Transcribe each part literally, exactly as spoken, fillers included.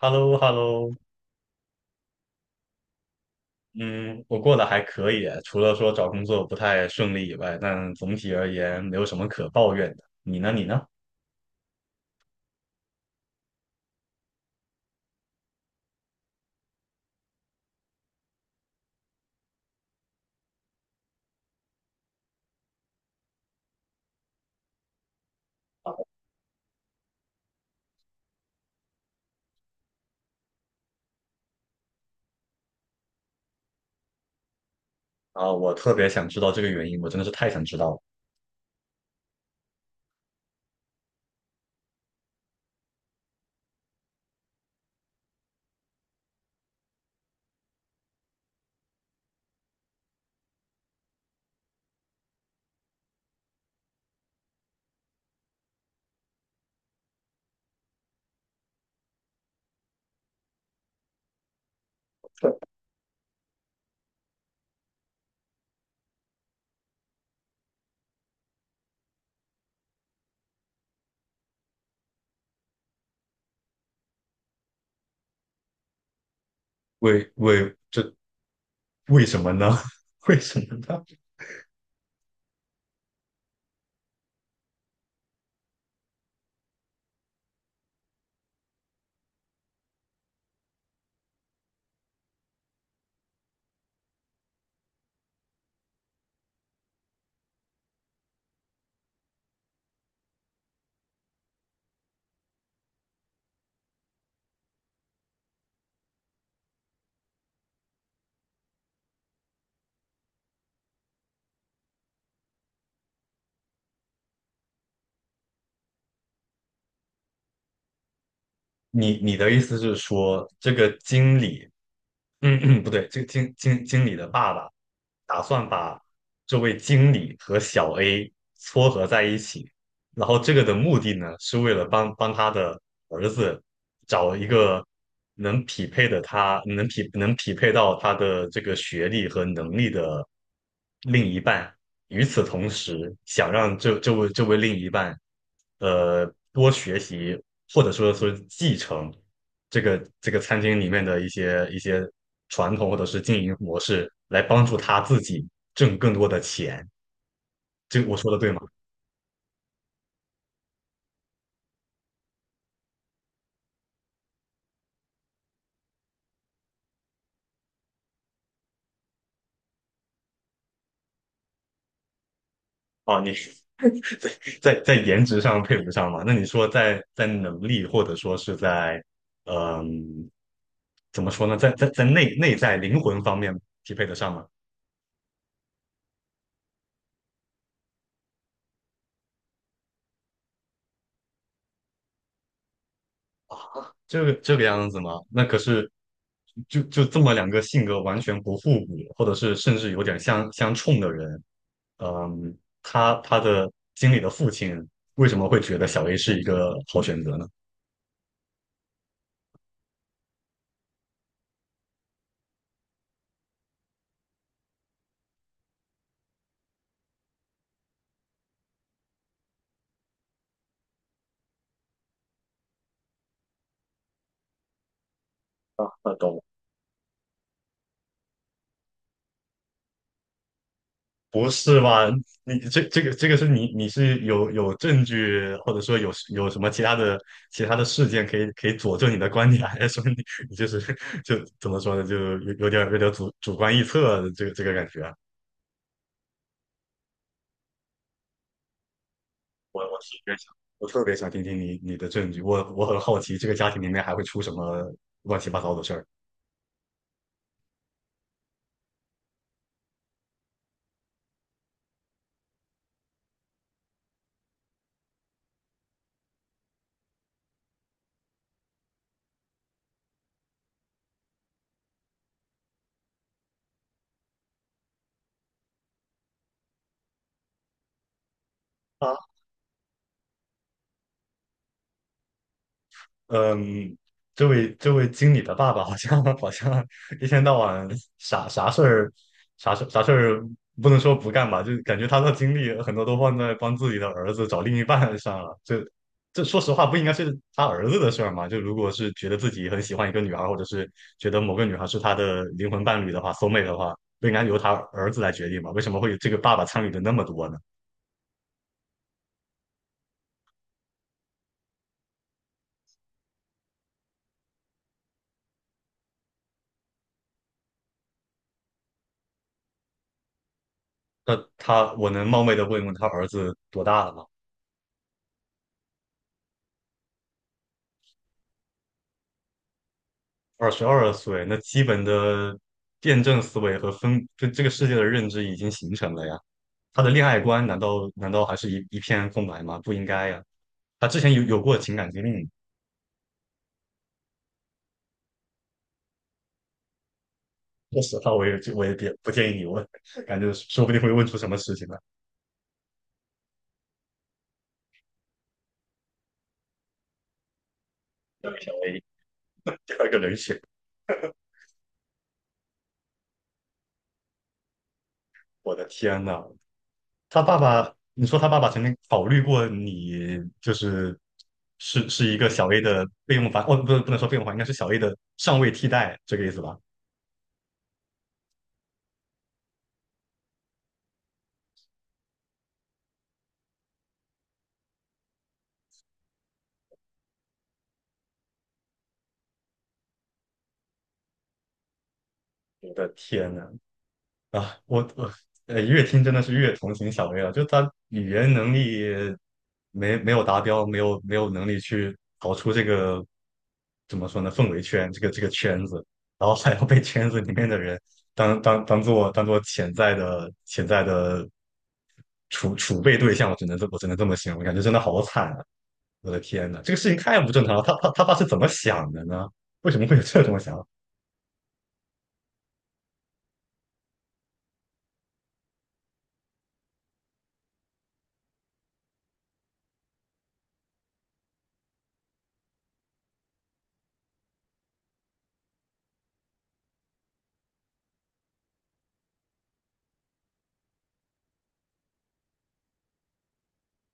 h e l l o h e l l o。 嗯，我过得还可以，除了说找工作不太顺利以外，但总体而言没有什么可抱怨的。你呢？你呢？啊，我特别想知道这个原因，我真的是太想知道了。为为这为什么呢？为什么呢？你你的意思是说，这个经理嗯嗯，不对，这个经经经理的爸爸打算把这位经理和小 A 撮合在一起，然后这个的目的呢，是为了帮帮他的儿子找一个能匹配的他，能匹能匹配到他的这个学历和能力的另一半。与此同时，想让这这位这位另一半，呃，多学习或者说是继承。这个这个餐厅里面的一些一些传统或者是经营模式，来帮助他自己挣更多的钱。这我说的对吗？哦，你 在在颜值上配不上嘛？那你说在在能力或者说是在嗯，怎么说呢？在在在内内在灵魂方面匹配得上吗？这个这个样子吗？那可是就就这么两个性格完全不互补，或者是甚至有点相相冲的人，嗯，他他的经理的父亲为什么会觉得小 A 是一个好选择呢？啊，啊懂了。不是吧？你这这个这个是你你是有有证据，或者说有有什么其他的其他的事件可以可以佐证你的观点，还是说你你就是 就怎么说呢？就有有点有点主主观臆测的这个这个感觉。我我特别想，我特别想听听你你的证据。我我很好奇，这个家庭里面还会出什么乱七八糟的事儿。嗯，这位这位经理的爸爸好像 好像一天到晚啥啥事儿，啥事啥事儿不能说不干吧，就感觉他的精力很多都放在帮自己的儿子找另一半上了。这这说实话不应该是他儿子的事儿嘛？就如果是觉得自己很喜欢一个女孩儿，或者是觉得某个女孩是他的灵魂伴侣的话，soul mate 的话，不应该由他儿子来决定吗？为什么会这个爸爸参与的那么多呢？那他我能冒昧的问问他儿子多大了吗？二十二岁，那基本的辩证思维和分对这个世界的认知已经形成了呀。他的恋爱观难道难道还是一一片空白吗？不应该呀。他之前有有过情感经历，说实话，我也我也别不建议你问，感觉说不定会问出什么事情来，要成为第二个人选。我的天呐，他爸爸，你说他爸爸曾经考虑过你，就是是是一个小 A 的备用房，哦，不是不能说备用房，应该是小 A 的上位替代，这个意思吧？我的天呐，啊，我我呃，越听真的是越同情小薇了。就她语言能力没没有达标，没有没有能力去逃出这个怎么说呢氛围圈，这个这个圈子，然后还要被圈子里面的人当当当做当做潜在的潜在的储储备对象，我只能这我只能这么形容，感觉真的好惨啊！我的天呐，这个事情太不正常了。他他他爸是怎么想的呢？为什么会有这种想法？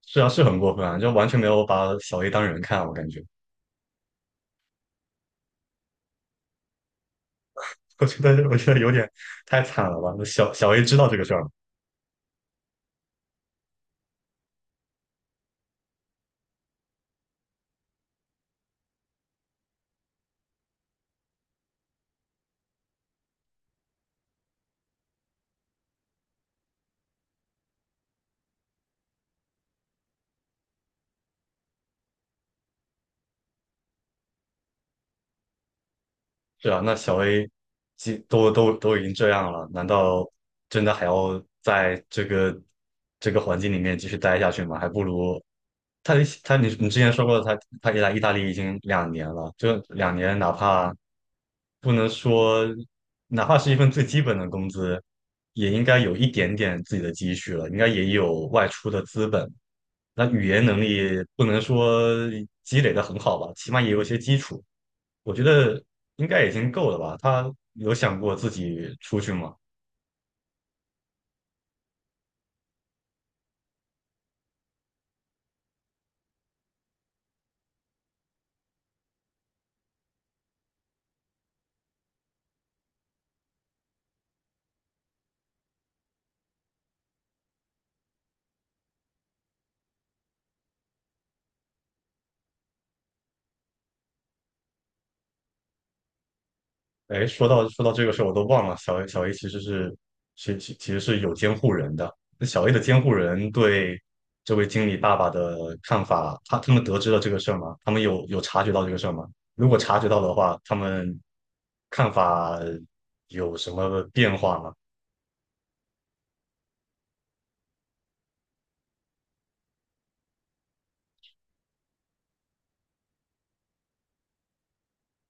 是啊，是很过分啊，就完全没有把小 A 当人看，我感觉。我觉得我觉得有点太惨了吧？那小小 A 知道这个事儿吗？是啊，那小 A 既都都都已经这样了，难道真的还要在这个这个环境里面继续待下去吗？还不如他他你你之前说过他他来意大利已经两年了，这两年哪怕不能说哪怕是一份最基本的工资，也应该有一点点自己的积蓄了，应该也有外出的资本。那语言能力不能说积累的很好吧，起码也有一些基础。我觉得应该已经够了吧？他有想过自己出去吗？哎，说到说到这个事儿，我都忘了，小 A 小 A 其实是其其其实是有监护人的。那小 A 的监护人对这位经理爸爸的看法，他他们得知了这个事儿吗？他们有有察觉到这个事儿吗？如果察觉到的话，他们看法有什么变化吗？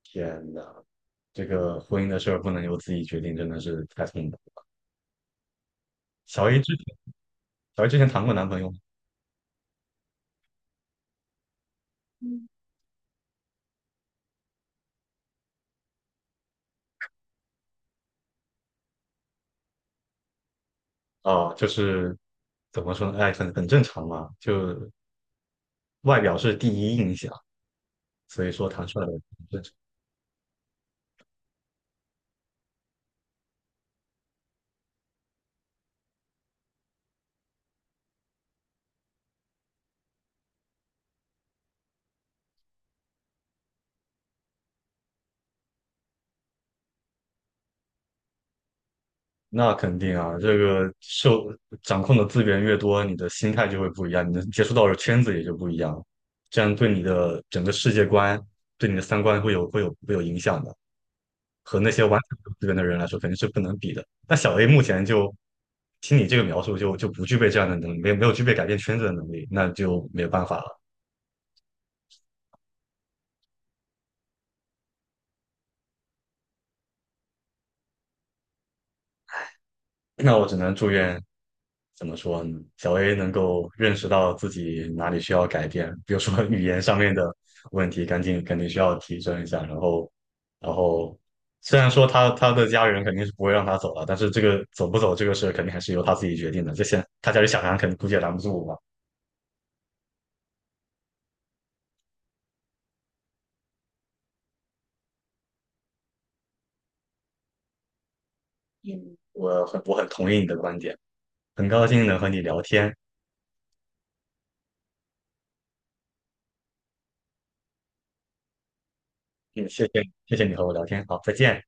天呐，这个婚姻的事儿不能由自己决定，真的是太痛苦了。小 A 之前小 A 之前谈过男朋友吗？啊，就是怎么说呢？哎，很很正常嘛，就外表是第一印象，所以说谈出来很正常。那肯定啊，这个受掌控的资源越多，你的心态就会不一样，你能接触到的圈子也就不一样，这样对你的整个世界观、对你的三观会有会有会有影响的。和那些完全没有资源的人来说，肯定是不能比的。那小 A 目前就听你这个描述就，就不具备这样的能力，没有没有具备改变圈子的能力，那就没有办法了。那我只能祝愿，怎么说呢？小 A 能够认识到自己哪里需要改变，比如说 语言上面的问题，赶紧肯定需要提升一下。然后，然后虽然说他他的家人肯定是不会让他走了，但是这个走不走这个事肯定还是由他自己决定的。这些他家里想拦，肯定估计也拦不住我吧。嗯，我很我很同意你的观点，很高兴能和你聊天。嗯，谢谢。谢谢你和我聊天，好，再见。